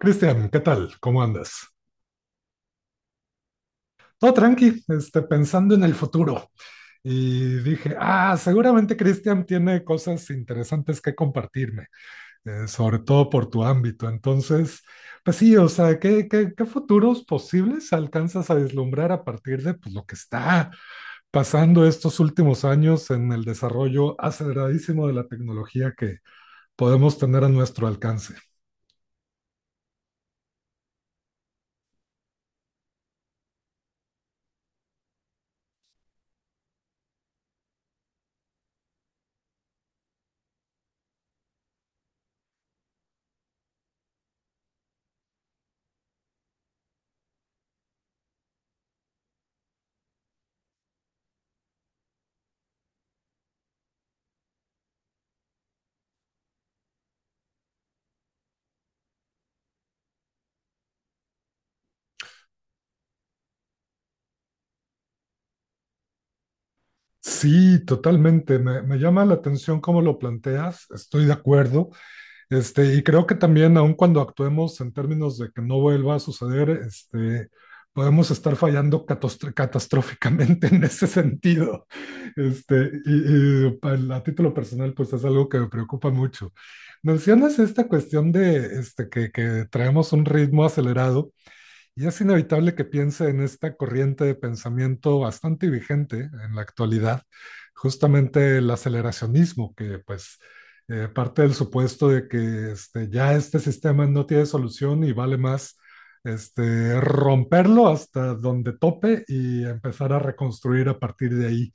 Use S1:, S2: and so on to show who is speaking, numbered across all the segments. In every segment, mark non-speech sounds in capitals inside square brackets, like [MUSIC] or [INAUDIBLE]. S1: Cristian, ¿qué tal? ¿Cómo andas? Todo tranqui, pensando en el futuro. Y dije, seguramente Cristian tiene cosas interesantes que compartirme, sobre todo por tu ámbito. Entonces, pues sí, o sea, ¿qué futuros posibles alcanzas a vislumbrar a partir de pues, lo que está pasando estos últimos años en el desarrollo aceleradísimo de la tecnología que podemos tener a nuestro alcance? Sí, totalmente. Me llama la atención cómo lo planteas. Estoy de acuerdo. Y creo que también, aun cuando actuemos en términos de que no vuelva a suceder, podemos estar fallando catastróficamente [LAUGHS] en ese sentido. A título personal, pues es algo que me preocupa mucho. Mencionas esta cuestión de que traemos un ritmo acelerado. Y es inevitable que piense en esta corriente de pensamiento bastante vigente en la actualidad, justamente el aceleracionismo, que pues parte del supuesto de que ya este sistema no tiene solución y vale más romperlo hasta donde tope y empezar a reconstruir a partir de ahí.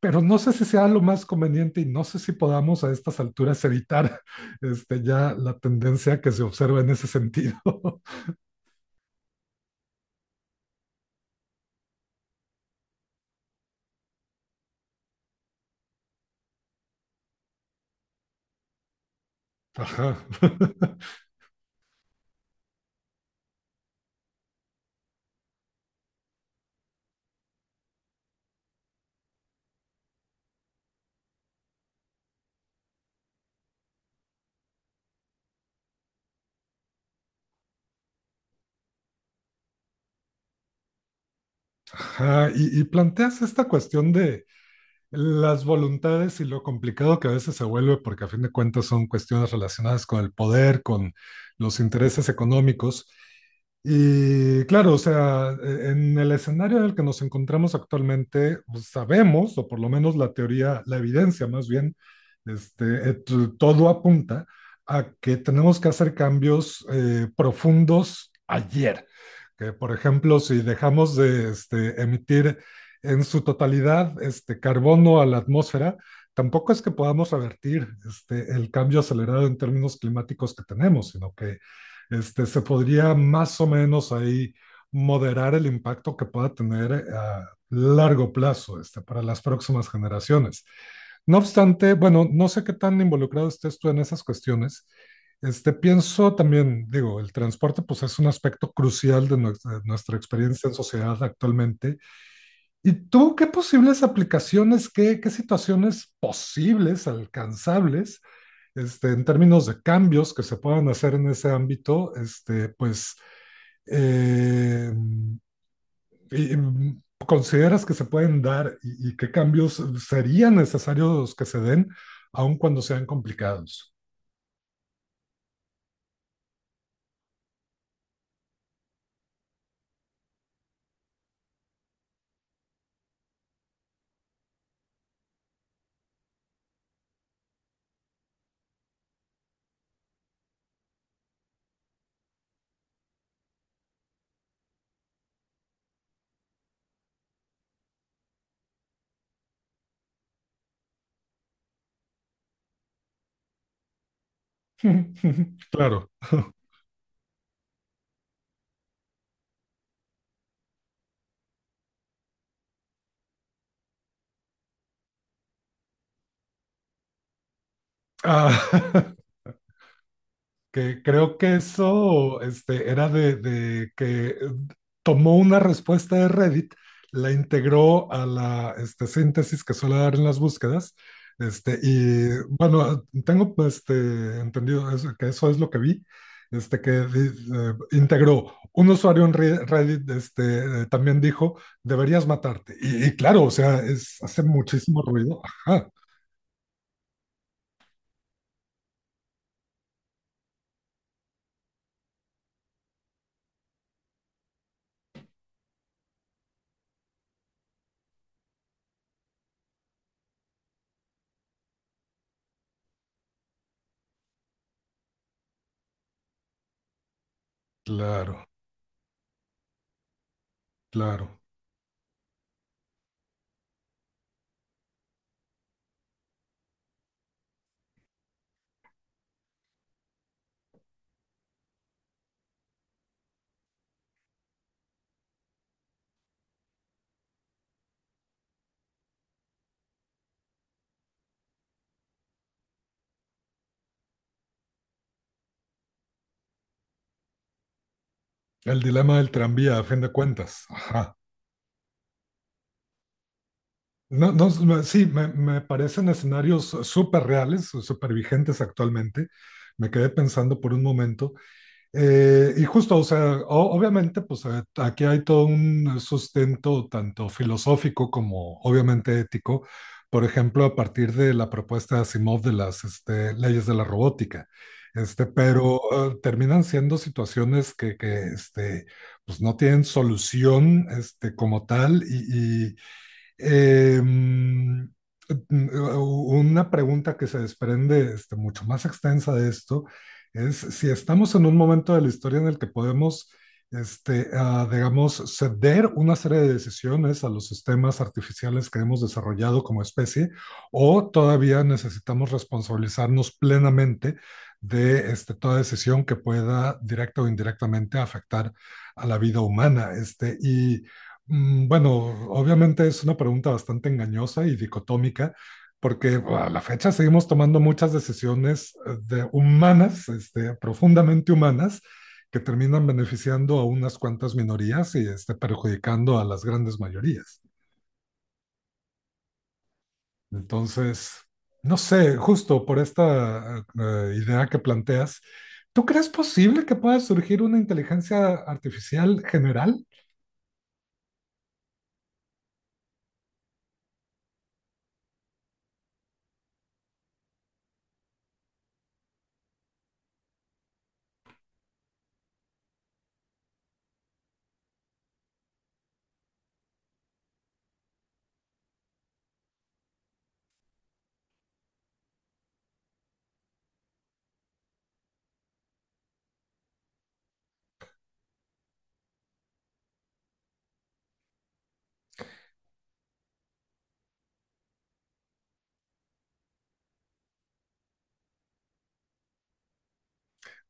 S1: Pero no sé si sea lo más conveniente y no sé si podamos a estas alturas evitar ya la tendencia que se observa en ese sentido. [LAUGHS] Ajá. [LAUGHS] Ajá, y planteas esta cuestión de las voluntades y lo complicado que a veces se vuelve, porque a fin de cuentas son cuestiones relacionadas con el poder, con los intereses económicos. Y claro, o sea, en el escenario en el que nos encontramos actualmente, pues, sabemos, o por lo menos la teoría, la evidencia más bien, este, et- todo apunta a que tenemos que hacer cambios profundos ayer, que por ejemplo, si dejamos de emitir en su totalidad carbono a la atmósfera, tampoco es que podamos revertir el cambio acelerado en términos climáticos que tenemos, sino que se podría más o menos ahí moderar el impacto que pueda tener a largo plazo para las próximas generaciones. No obstante, bueno, no sé qué tan involucrado estés tú en esas cuestiones, pienso también, digo, el transporte pues es un aspecto crucial de nuestra experiencia en sociedad actualmente. ¿Y tú qué posibles aplicaciones, qué situaciones posibles, alcanzables, en términos de cambios que se puedan hacer en ese ámbito, pues, eh, y, y, consideras que se pueden dar y qué cambios serían necesarios que se den, aun cuando sean complicados? [LAUGHS] Claro. Ah, [LAUGHS] que creo que eso era de que tomó una respuesta de Reddit, la integró a la síntesis que suele dar en las búsquedas. Y bueno, tengo pues, entendido que eso es lo que vi, este, que di- integró un usuario en Reddit, también dijo, deberías matarte. Y claro, o sea, es, hace muchísimo ruido. Ajá, claro, claro. El dilema del tranvía, a fin de cuentas. Ajá. No, no, me- Sí, me parecen escenarios súper reales, súper vigentes actualmente. Me quedé pensando por un momento. Y justo, o sea, obviamente, pues aquí hay todo un sustento tanto filosófico como obviamente ético. Por ejemplo, a partir de la propuesta de Asimov de las leyes de la robótica. Pero terminan siendo situaciones que pues no tienen solución como tal, eh, una pregunta que se desprende mucho más extensa de esto es si estamos en un momento de la historia en el que podemos, digamos, ceder una serie de decisiones a los sistemas artificiales que hemos desarrollado como especie, o todavía necesitamos responsabilizarnos plenamente de toda decisión que pueda directa o indirectamente afectar a la vida humana. Bueno, obviamente es una pregunta bastante engañosa y dicotómica, porque bueno, a la fecha seguimos tomando muchas decisiones de humanas, profundamente humanas, que terminan beneficiando a unas cuantas minorías y perjudicando a las grandes mayorías. Entonces, no sé, justo por esta idea que planteas, ¿tú crees posible que pueda surgir una inteligencia artificial general?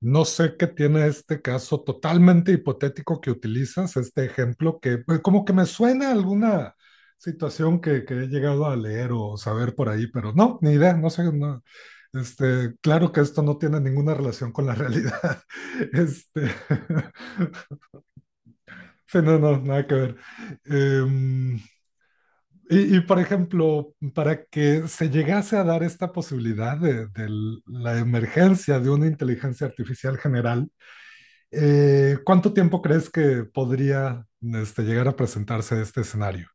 S1: No sé qué tiene este caso totalmente hipotético que utilizas, este ejemplo que pues, como que me suena a alguna situación que he llegado a leer o saber por ahí, pero no, ni idea, no sé, no, claro que esto no tiene ninguna relación con la realidad. [LAUGHS] Este, [LAUGHS] sí, no, no, nada que ver. Em, por ejemplo, para que se llegase a dar esta posibilidad de la emergencia de una inteligencia artificial general, ¿cuánto tiempo crees que podría llegar a presentarse este escenario?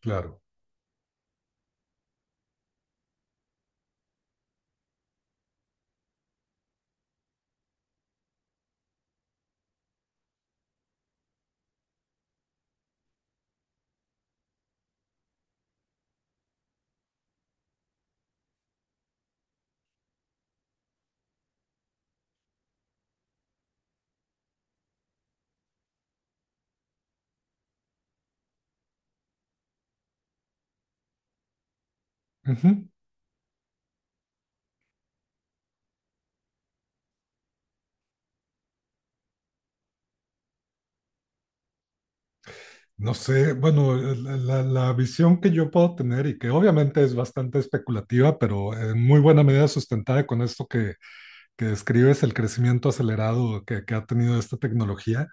S1: Claro. Ujú. No sé, bueno, la visión que yo puedo tener y que obviamente es bastante especulativa, pero en muy buena medida sustentada con esto que describes, el crecimiento acelerado que ha tenido esta tecnología,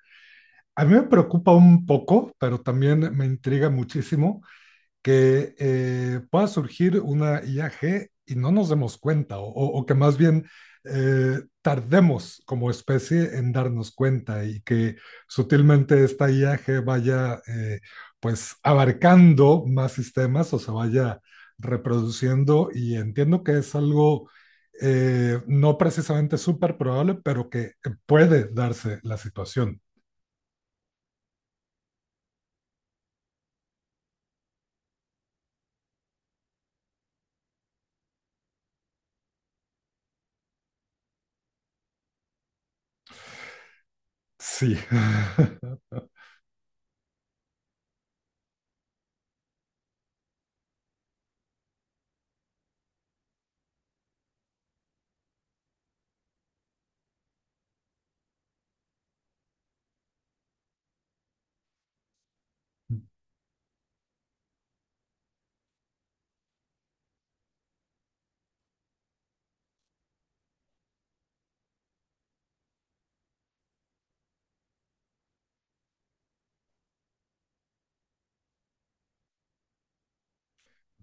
S1: a mí me preocupa un poco, pero también me intriga muchísimo que pueda surgir una IAG y no nos demos cuenta, o que más bien tardemos como especie en darnos cuenta y que sutilmente esta IAG vaya pues abarcando más sistemas o se vaya reproduciendo, y entiendo que es algo no precisamente súper probable, pero que puede darse la situación. Sí, [LAUGHS]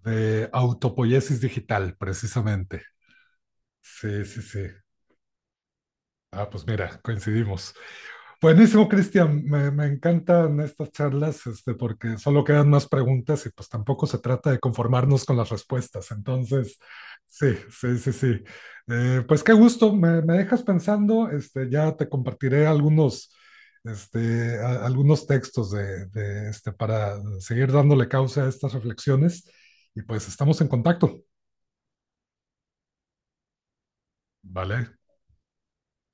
S1: de autopoiesis digital, precisamente. Sí, sí, sí. Ah, pues mira, coincidimos. Buenísimo, Cristian. Me encantan estas charlas, porque solo quedan más preguntas y pues tampoco se trata de conformarnos con las respuestas. Entonces, sí, sí, sí, sí. Pues qué gusto, me dejas pensando. Ya te compartiré algunos, algunos textos de para seguir dándole causa a estas reflexiones. Y pues estamos en contacto. Vale.